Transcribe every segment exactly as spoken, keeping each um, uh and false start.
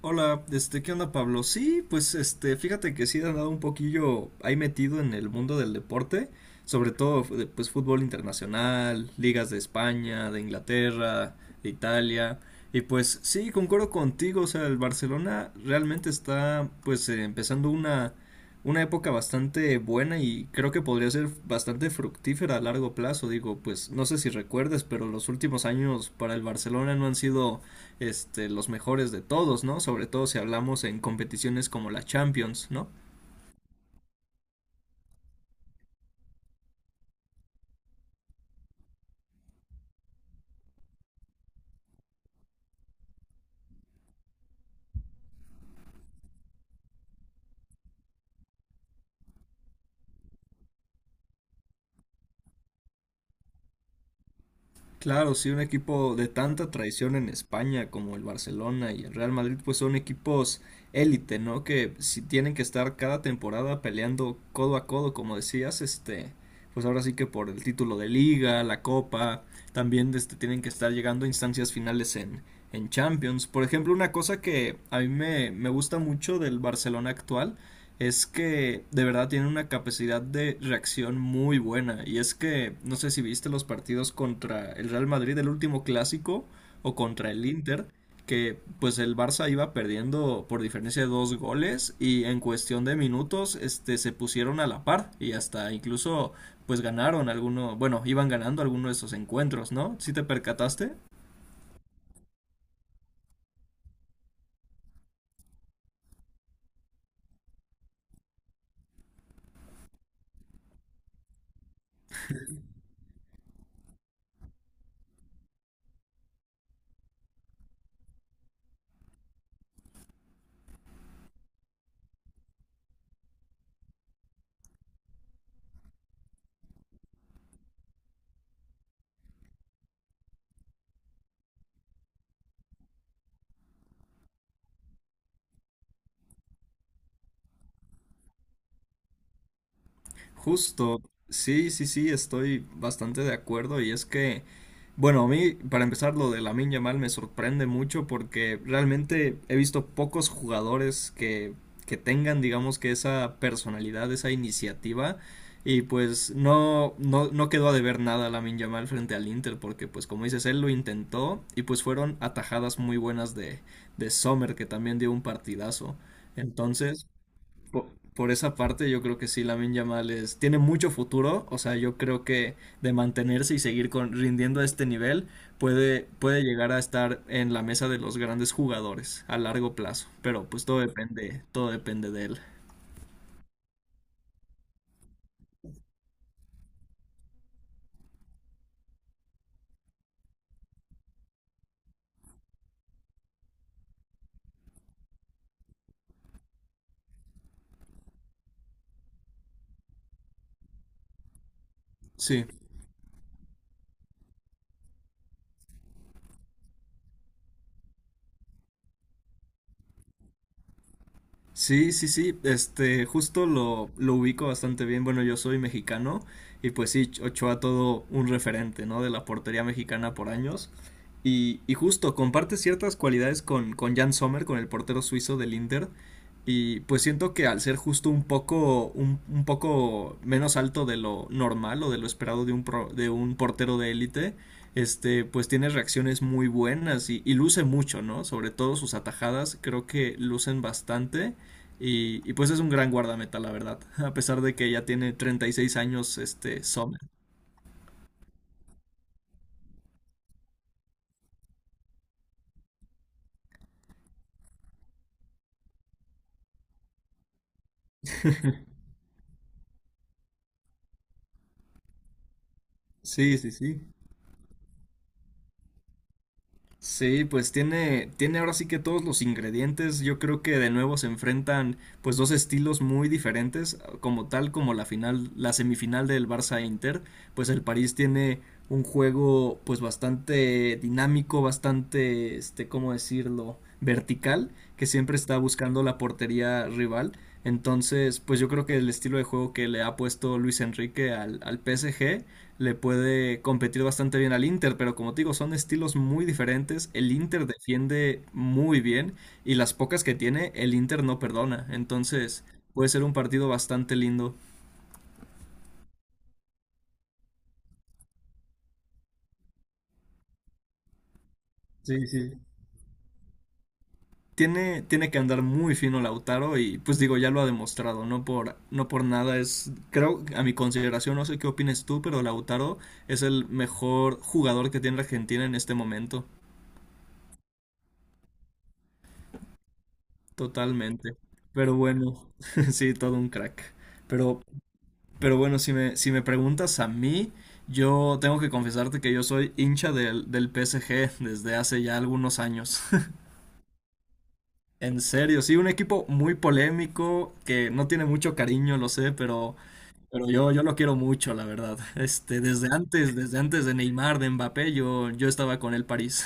Hola, este, ¿qué onda, Pablo? Sí, pues este, fíjate que sí he andado un poquillo ahí metido en el mundo del deporte, sobre todo de, pues fútbol internacional, ligas de España, de Inglaterra, de Italia, y pues sí, concuerdo contigo, o sea, el Barcelona realmente está pues eh, empezando una una época bastante buena y creo que podría ser bastante fructífera a largo plazo, digo, pues no sé si recuerdes, pero los últimos años para el Barcelona no han sido este, los mejores de todos, ¿no? Sobre todo si hablamos en competiciones como la Champions, ¿no? Claro, sí un equipo de tanta tradición en España como el Barcelona y el Real Madrid, pues son equipos élite, ¿no? Que si tienen que estar cada temporada peleando codo a codo, como decías, este, pues ahora sí que por el título de liga, la copa, también este, tienen que estar llegando a instancias finales en, en Champions. Por ejemplo, una cosa que a mí me, me gusta mucho del Barcelona actual es que de verdad tienen una capacidad de reacción muy buena. Y es que, no sé si viste los partidos contra el Real Madrid, el último clásico, o contra el Inter, que pues el Barça iba perdiendo por diferencia de dos goles y en cuestión de minutos este, se pusieron a la par y hasta incluso pues ganaron algunos, bueno, iban ganando algunos de esos encuentros, ¿no? ¿Sí te percataste? Justo, sí, sí, sí, estoy bastante de acuerdo y es que bueno, a mí, para empezar, lo de Lamine Yamal me sorprende mucho porque realmente he visto pocos jugadores que, que tengan, digamos, que esa personalidad, esa iniciativa. Y pues no, no, no quedó a deber nada Lamine Yamal frente al Inter porque, pues como dices, él lo intentó y pues fueron atajadas muy buenas de, de Sommer que también dio un partidazo. Entonces, por, por esa parte, yo creo que sí, Lamine Yamal es, tiene mucho futuro. O sea, yo creo que de mantenerse y seguir con, rindiendo a este nivel, puede, puede llegar a estar en la mesa de los grandes jugadores a largo plazo. Pero pues todo depende, todo depende de él. Sí. Sí, sí, sí, este, justo lo, lo ubico bastante bien. Bueno, yo soy mexicano y pues sí, Ochoa todo un referente, ¿no? De la portería mexicana por años. Y, y justo comparte ciertas cualidades con, con Jan Sommer, con el portero suizo del Inter. Y pues siento que al ser justo un poco, un, un poco menos alto de lo normal o de lo esperado de un, pro- de un portero de élite, este, pues tiene reacciones muy buenas y, y luce mucho, ¿no? Sobre todo sus atajadas, creo que lucen bastante. Y, y pues es un gran guardameta, la verdad, a pesar de que ya tiene treinta y seis años este Sommer. Sí, sí, sí. Sí, pues tiene, tiene ahora sí que todos los ingredientes. Yo creo que de nuevo se enfrentan pues dos estilos muy diferentes, como tal como la final, la semifinal del Barça Inter, pues el París tiene un juego pues bastante dinámico, bastante este, ¿cómo decirlo? Vertical, que siempre está buscando la portería rival. Entonces, pues yo creo que el estilo de juego que le ha puesto Luis Enrique al, al P S G le puede competir bastante bien al Inter, pero como te digo, son estilos muy diferentes. El Inter defiende muy bien y las pocas que tiene, el Inter no perdona. Entonces, puede ser un partido bastante lindo. Sí, sí. Tiene, tiene que andar muy fino Lautaro y pues digo, ya lo ha demostrado, no por, no por nada es, creo, a mi consideración, no sé qué opines tú, pero Lautaro es el mejor jugador que tiene Argentina en este momento, totalmente. Pero bueno, sí, todo un crack. Pero Pero bueno, si me, si me preguntas a mí, yo tengo que confesarte que yo soy hincha del, del P S G desde hace ya algunos años. En serio, sí, un equipo muy polémico, que no tiene mucho cariño, lo sé, pero, pero yo, yo lo quiero mucho, la verdad. Este, desde antes, desde antes de Neymar, de Mbappé, yo, yo estaba con el París.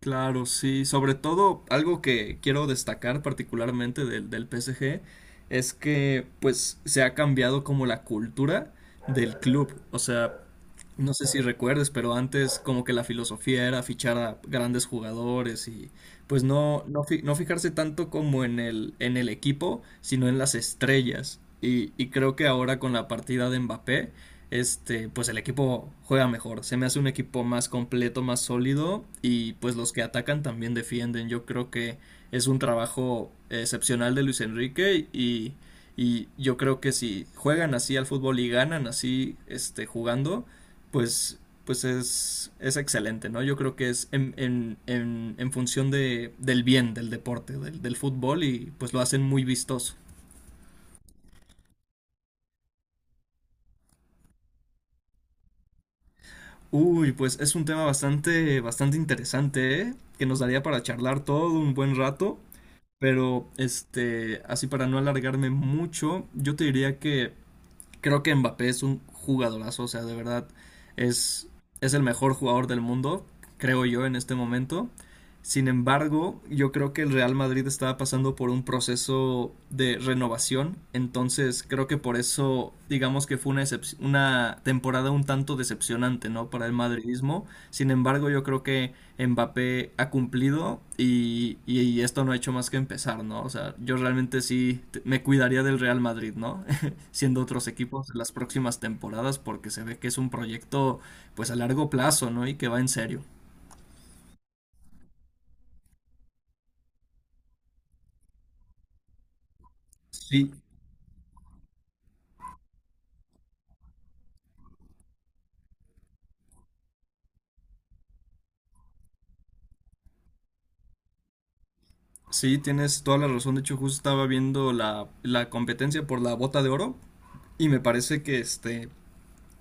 Claro, sí. Sobre todo, algo que quiero destacar particularmente del, del P S G es que pues se ha cambiado como la cultura del club. O sea, no sé si recuerdes, pero antes como que la filosofía era fichar a grandes jugadores y pues no, no, fi- no fijarse tanto como en el, en el equipo, sino en las estrellas. Y, y creo que ahora con la partida de Mbappé, este, pues el equipo juega mejor. Se me hace un equipo más completo, más sólido y pues los que atacan también defienden. Yo creo que es un trabajo excepcional de Luis Enrique y, y yo creo que si juegan así al fútbol y ganan así este, jugando, pues, pues es, es excelente, ¿no? Yo creo que es en, en, en, en función de, del bien del deporte, del, del fútbol y pues lo hacen muy vistoso. Uy, pues es un tema bastante, bastante interesante, ¿eh? Que nos daría para charlar todo un buen rato. Pero, este, así para no alargarme mucho, yo te diría que creo que Mbappé es un jugadorazo, o sea, de verdad es, es el mejor jugador del mundo, creo yo, en este momento. Sin embargo, yo creo que el Real Madrid estaba pasando por un proceso de renovación, entonces creo que por eso digamos que fue una, excep- una temporada un tanto decepcionante, ¿no? Para el madridismo. Sin embargo, yo creo que Mbappé ha cumplido y, y- y esto no ha hecho más que empezar, ¿no? O sea, yo realmente sí te- me cuidaría del Real Madrid, ¿no? Siendo otros equipos en las próximas temporadas porque se ve que es un proyecto pues a largo plazo, ¿no? Y que va en serio. Sí, sí, tienes toda la razón. De hecho, justo estaba viendo la, la competencia por la bota de oro y me parece que este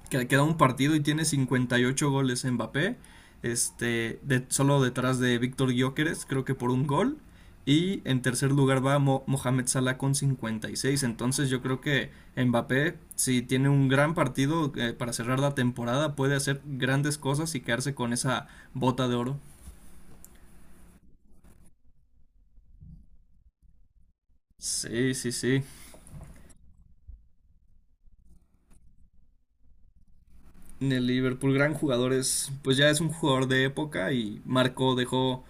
que le queda un partido y tiene cincuenta y ocho goles en Mbappé, este, de, solo detrás de Víctor Gyökeres, creo que por un gol. Y en tercer lugar va Mo Mohamed Salah con cincuenta y seis. Entonces yo creo que Mbappé, si tiene un gran partido eh, para cerrar la temporada, puede hacer grandes cosas y quedarse con esa bota de oro. Sí, sí, sí. En el Liverpool, gran jugador, es, pues ya es un jugador de época y marcó, dejó,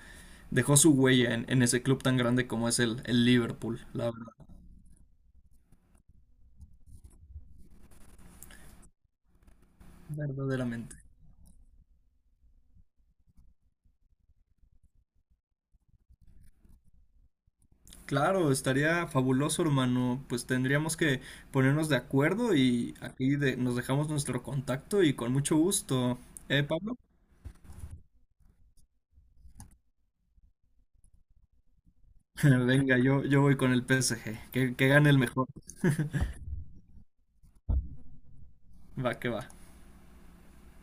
dejó su huella en, en ese club tan grande como es el, el Liverpool, la verdad. Verdaderamente. Claro, estaría fabuloso, hermano. Pues tendríamos que ponernos de acuerdo y aquí de- nos dejamos nuestro contacto y con mucho gusto. ¿Eh, Pablo? Venga, yo, yo voy con el P S G. Que, que gane el mejor. Va, que va.